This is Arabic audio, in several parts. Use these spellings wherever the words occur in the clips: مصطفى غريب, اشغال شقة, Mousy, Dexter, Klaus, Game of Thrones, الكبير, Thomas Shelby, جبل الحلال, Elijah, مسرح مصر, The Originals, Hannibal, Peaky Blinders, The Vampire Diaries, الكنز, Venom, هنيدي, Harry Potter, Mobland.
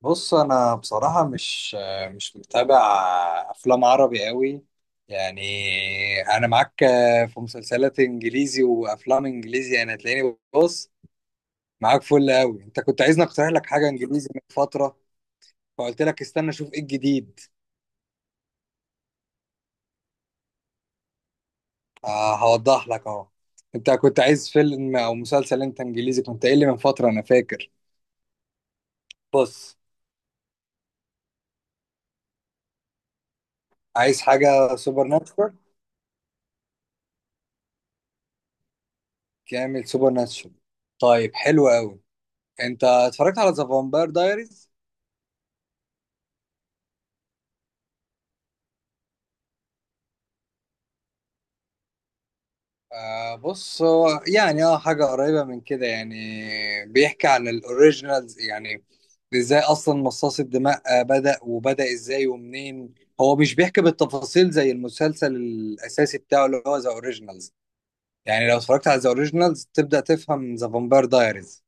بص، انا بصراحه مش متابع افلام عربي قوي. يعني انا معاك في مسلسلات انجليزي وافلام انجليزي. انا تلاقيني بص معاك فل قوي. انت كنت عايزني اقترح لك حاجه انجليزي من فتره، فقلت لك استنى اشوف ايه الجديد. آه، هوضح لك اهو. انت كنت عايز فيلم او مسلسل انت انجليزي، كنت قايل لي من فتره، انا فاكر. بص، عايز حاجه سوبر ناتشورال. كامل سوبر ناتشورال، طيب حلو قوي. انت اتفرجت على ذا فامباير دايريز؟ آه بص، هو يعني اه حاجة قريبة من كده يعني. بيحكي عن الاوريجينالز يعني، ازاي اصلا مصاص الدماء بدأ، وبدأ ازاي ومنين. هو مش بيحكي بالتفاصيل زي المسلسل الاساسي بتاعه اللي هو ذا اوريجينالز. يعني لو اتفرجت على ذا اوريجينالز تبدأ تفهم ذا فامباير دايريز.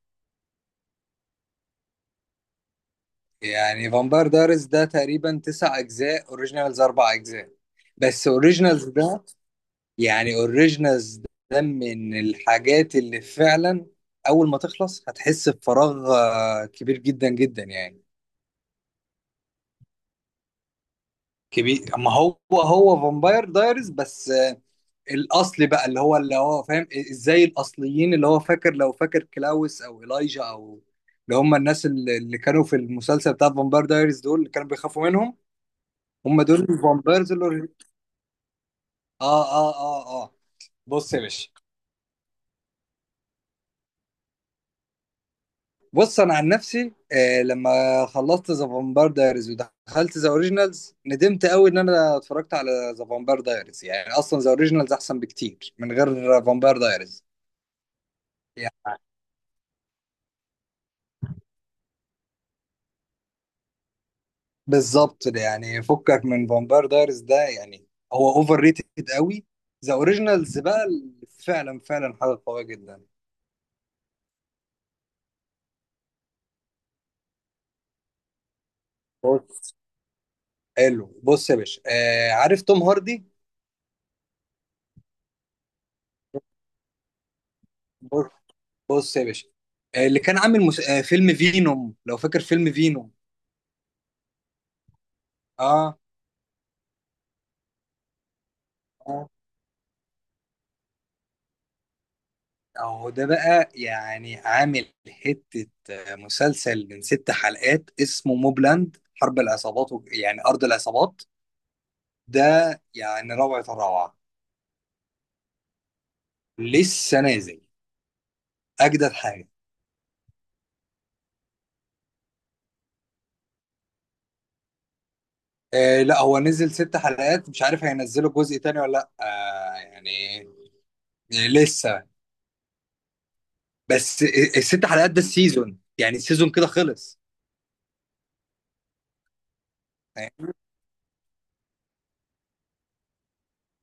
يعني فامباير دايريز ده تقريبا تسع اجزاء، اوريجينالز اربع اجزاء. بس اوريجينالز ده، يعني اوريجينالز ده من الحاجات اللي فعلا اول ما تخلص هتحس بفراغ كبير جدا جدا يعني. كبير، ما هو فامباير دايرز بس، الاصلي بقى اللي هو فاهم ازاي الاصليين، اللي هو فاكر لو فاكر كلاوس او إيلايجا او اللي هم الناس اللي كانوا في المسلسل بتاع فامباير دايرز، دول اللي كانوا بيخافوا منهم. هم دول الفامبايرز اللي اه اه اه اه بص يا باشا. بص انا عن نفسي آه، لما خلصت ذا فامباير دايريز ودخلت ذا اوريجينالز ندمت قوي ان انا اتفرجت على ذا فامباير دايريز. يعني اصلا ذا اوريجينالز احسن بكتير من غير فامباير دايريز. يعني بالظبط ده، يعني فكك من فامباير دايريز ده يعني. هو اوفر ريتد قوي. ذا اوريجينالز بقى فعلا فعلا حاجه قويه جدا. بص حلو، بص يا باشا، آه عارف توم هاردي؟ بص، بص يا باشا، آه اللي كان عامل مس... آه فيلم فينوم، لو فاكر فيلم فينوم؟ اه، اهو ده بقى يعني عامل حتة مسلسل من ست حلقات اسمه موبلاند. حرب العصابات يعني أرض العصابات ده، يعني روعة الروعة. لسه نازل، أجدد حاجة. آه لا، هو نزل ست حلقات، مش عارف هينزلوا جزء تاني ولا لأ، آه يعني لسه، بس الست حلقات ده السيزون، يعني السيزون كده خلص.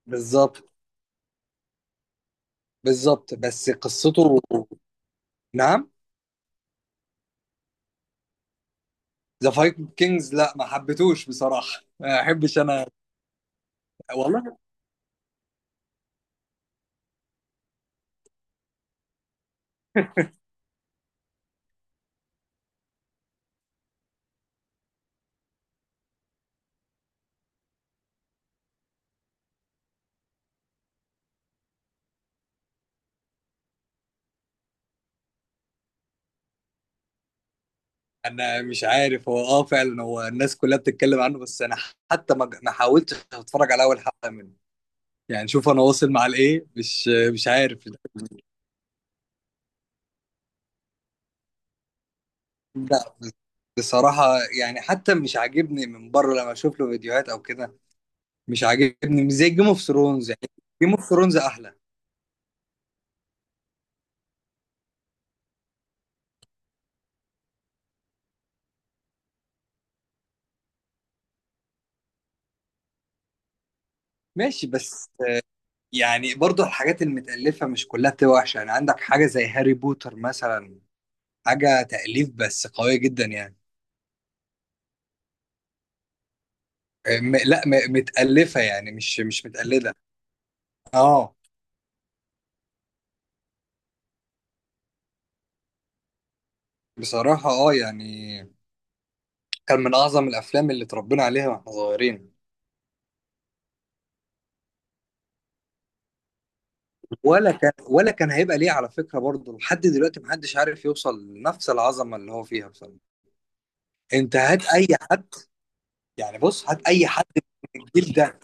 بالظبط بالظبط، بس قصته، نعم. ذا فايكنجز لا، ما حبيتهوش بصراحه، ما احبش انا والله. انا مش عارف، هو اه فعلا هو الناس كلها بتتكلم عنه، بس انا حتى ما حاولتش اتفرج على اول حلقه منه. يعني شوف انا واصل مع الايه، مش عارف. لا بصراحه يعني حتى مش عاجبني من بره لما اشوف له فيديوهات او كده. مش عاجبني، مش زي جيم اوف ثرونز يعني. جيم اوف ثرونز احلى. ماشي بس، يعني برضه الحاجات المتألفة مش كلها بتبقى وحشة، يعني عندك حاجة زي هاري بوتر مثلا، حاجة تأليف بس قوية جدا يعني. لا، متألفة يعني، مش متقلدة. اه بصراحة اه يعني كان من أعظم الأفلام اللي اتربينا عليها واحنا صغيرين. ولا كان ولا كان هيبقى ليه على فكرة برضه، لحد دلوقتي محدش عارف يوصل لنفس العظمة اللي هو فيها بصراحة. أنت هات أي حد، يعني بص هات أي حد من الجيل ده.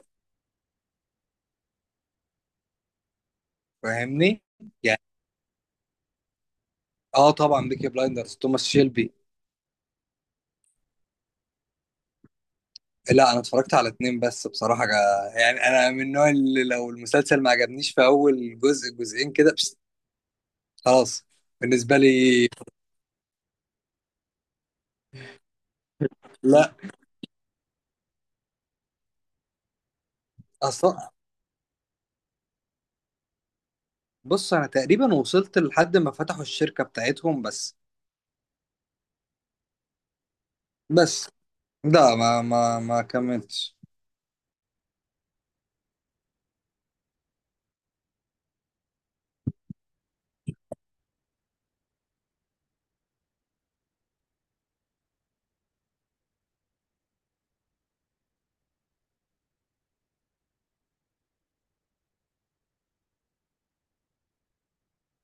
فاهمني يعني. اه طبعا بيكي بلايندرز، توماس شيلبي. لا انا اتفرجت على اتنين بس بصراحه، يعني انا من النوع اللي لو المسلسل ما عجبنيش في اول جزء جزئين كده، بس خلاص بالنسبه لي. لا اصلا، بص انا تقريبا وصلت لحد ما فتحوا الشركه بتاعتهم بس. بس لا، ما كملتش.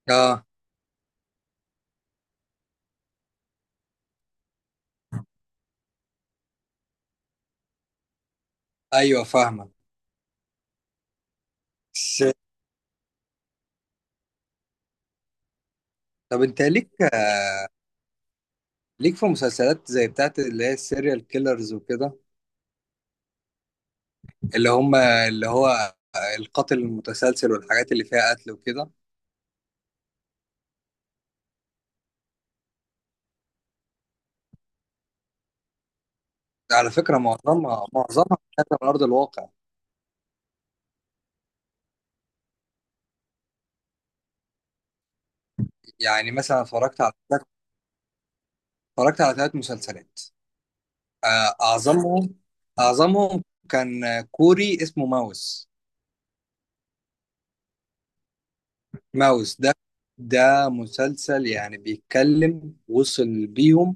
اه ايوه فاهمك، بس طب انت ليك ليك في مسلسلات زي بتاعت اللي هي السيريال كيلرز وكده؟ اللي هم اللي هو القاتل المتسلسل والحاجات اللي فيها قتل وكده. على فكرة معظمها بتتكلم من أرض الواقع. يعني مثلا اتفرجت على ثلاث مسلسلات. آه، أعظمهم أعظمهم كان كوري اسمه ماوس. ماوس ده، مسلسل يعني بيتكلم، وصل بيهم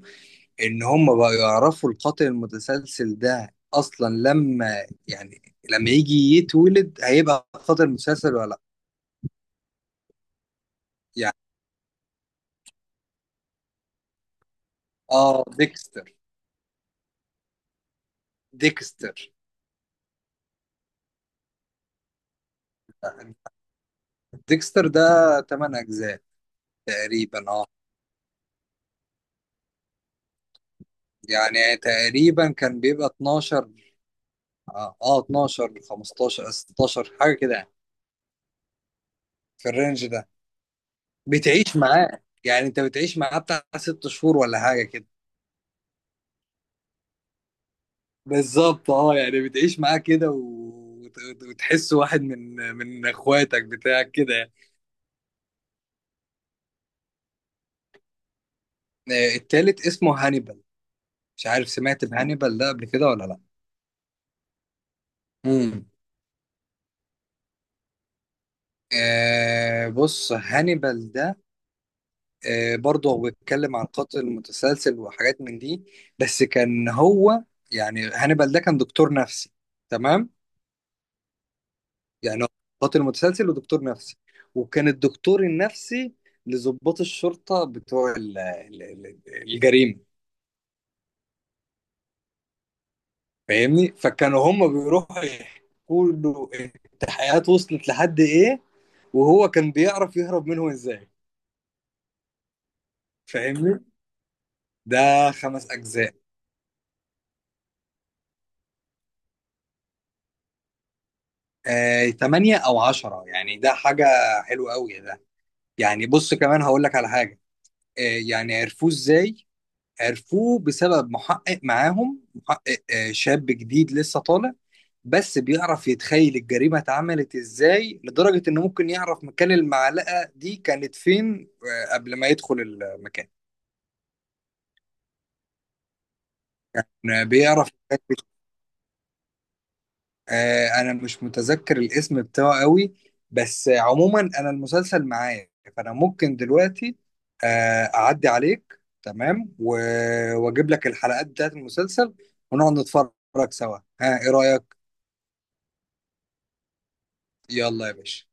إن هم بقوا يعرفوا القاتل المتسلسل ده أصلا لما يعني لما يجي يتولد هيبقى قاتل مسلسل ولا لأ يعني. آه ديكستر. ديكستر. ديكستر ده 8 أجزاء تقريبا اه. يعني تقريبا كان بيبقى 12، اه 12 15 16 حاجه كده يعني، في الرينج ده. بتعيش معاه، يعني انت بتعيش معاه بتاع ست شهور ولا حاجه كده. بالظبط اه، يعني بتعيش معاه كده وتحس واحد من اخواتك بتاعك كده يعني. التالت اسمه هانيبال، مش عارف سمعت بهانيبال ده قبل كده ولا لا. امم آه بص، هانيبال ده برضه هو بيتكلم عن قاتل متسلسل وحاجات من دي. بس كان هو، يعني هانيبال ده كان دكتور نفسي، تمام. يعني هو قاتل متسلسل ودكتور نفسي، وكان الدكتور النفسي لضباط الشرطة بتوع الجريمة. فاهمني، فكانوا هم بيروحوا يحكوا له التحقيقات وصلت لحد ايه، وهو كان بيعرف يهرب منهم ازاي. فاهمني، ده خمس اجزاء. تمانية او عشرة يعني، ده حاجة حلوة قوي. يعني بص كمان هقول لك على حاجه، آه، يعني عرفوه ازاي؟ عرفوه بسبب محقق معاهم، محقق شاب جديد لسه طالع، بس بيعرف يتخيل الجريمه اتعملت ازاي، لدرجه انه ممكن يعرف مكان المعلقه دي كانت فين قبل ما يدخل المكان. بيعرف. آه انا مش متذكر الاسم بتاعه قوي، بس عموما انا المسلسل معايا، فانا ممكن دلوقتي آه اعدي عليك تمام واجيب لك الحلقات بتاعت المسلسل ونقعد نتفرج سوا. ها، ايه رأيك؟ يلا يا باشا.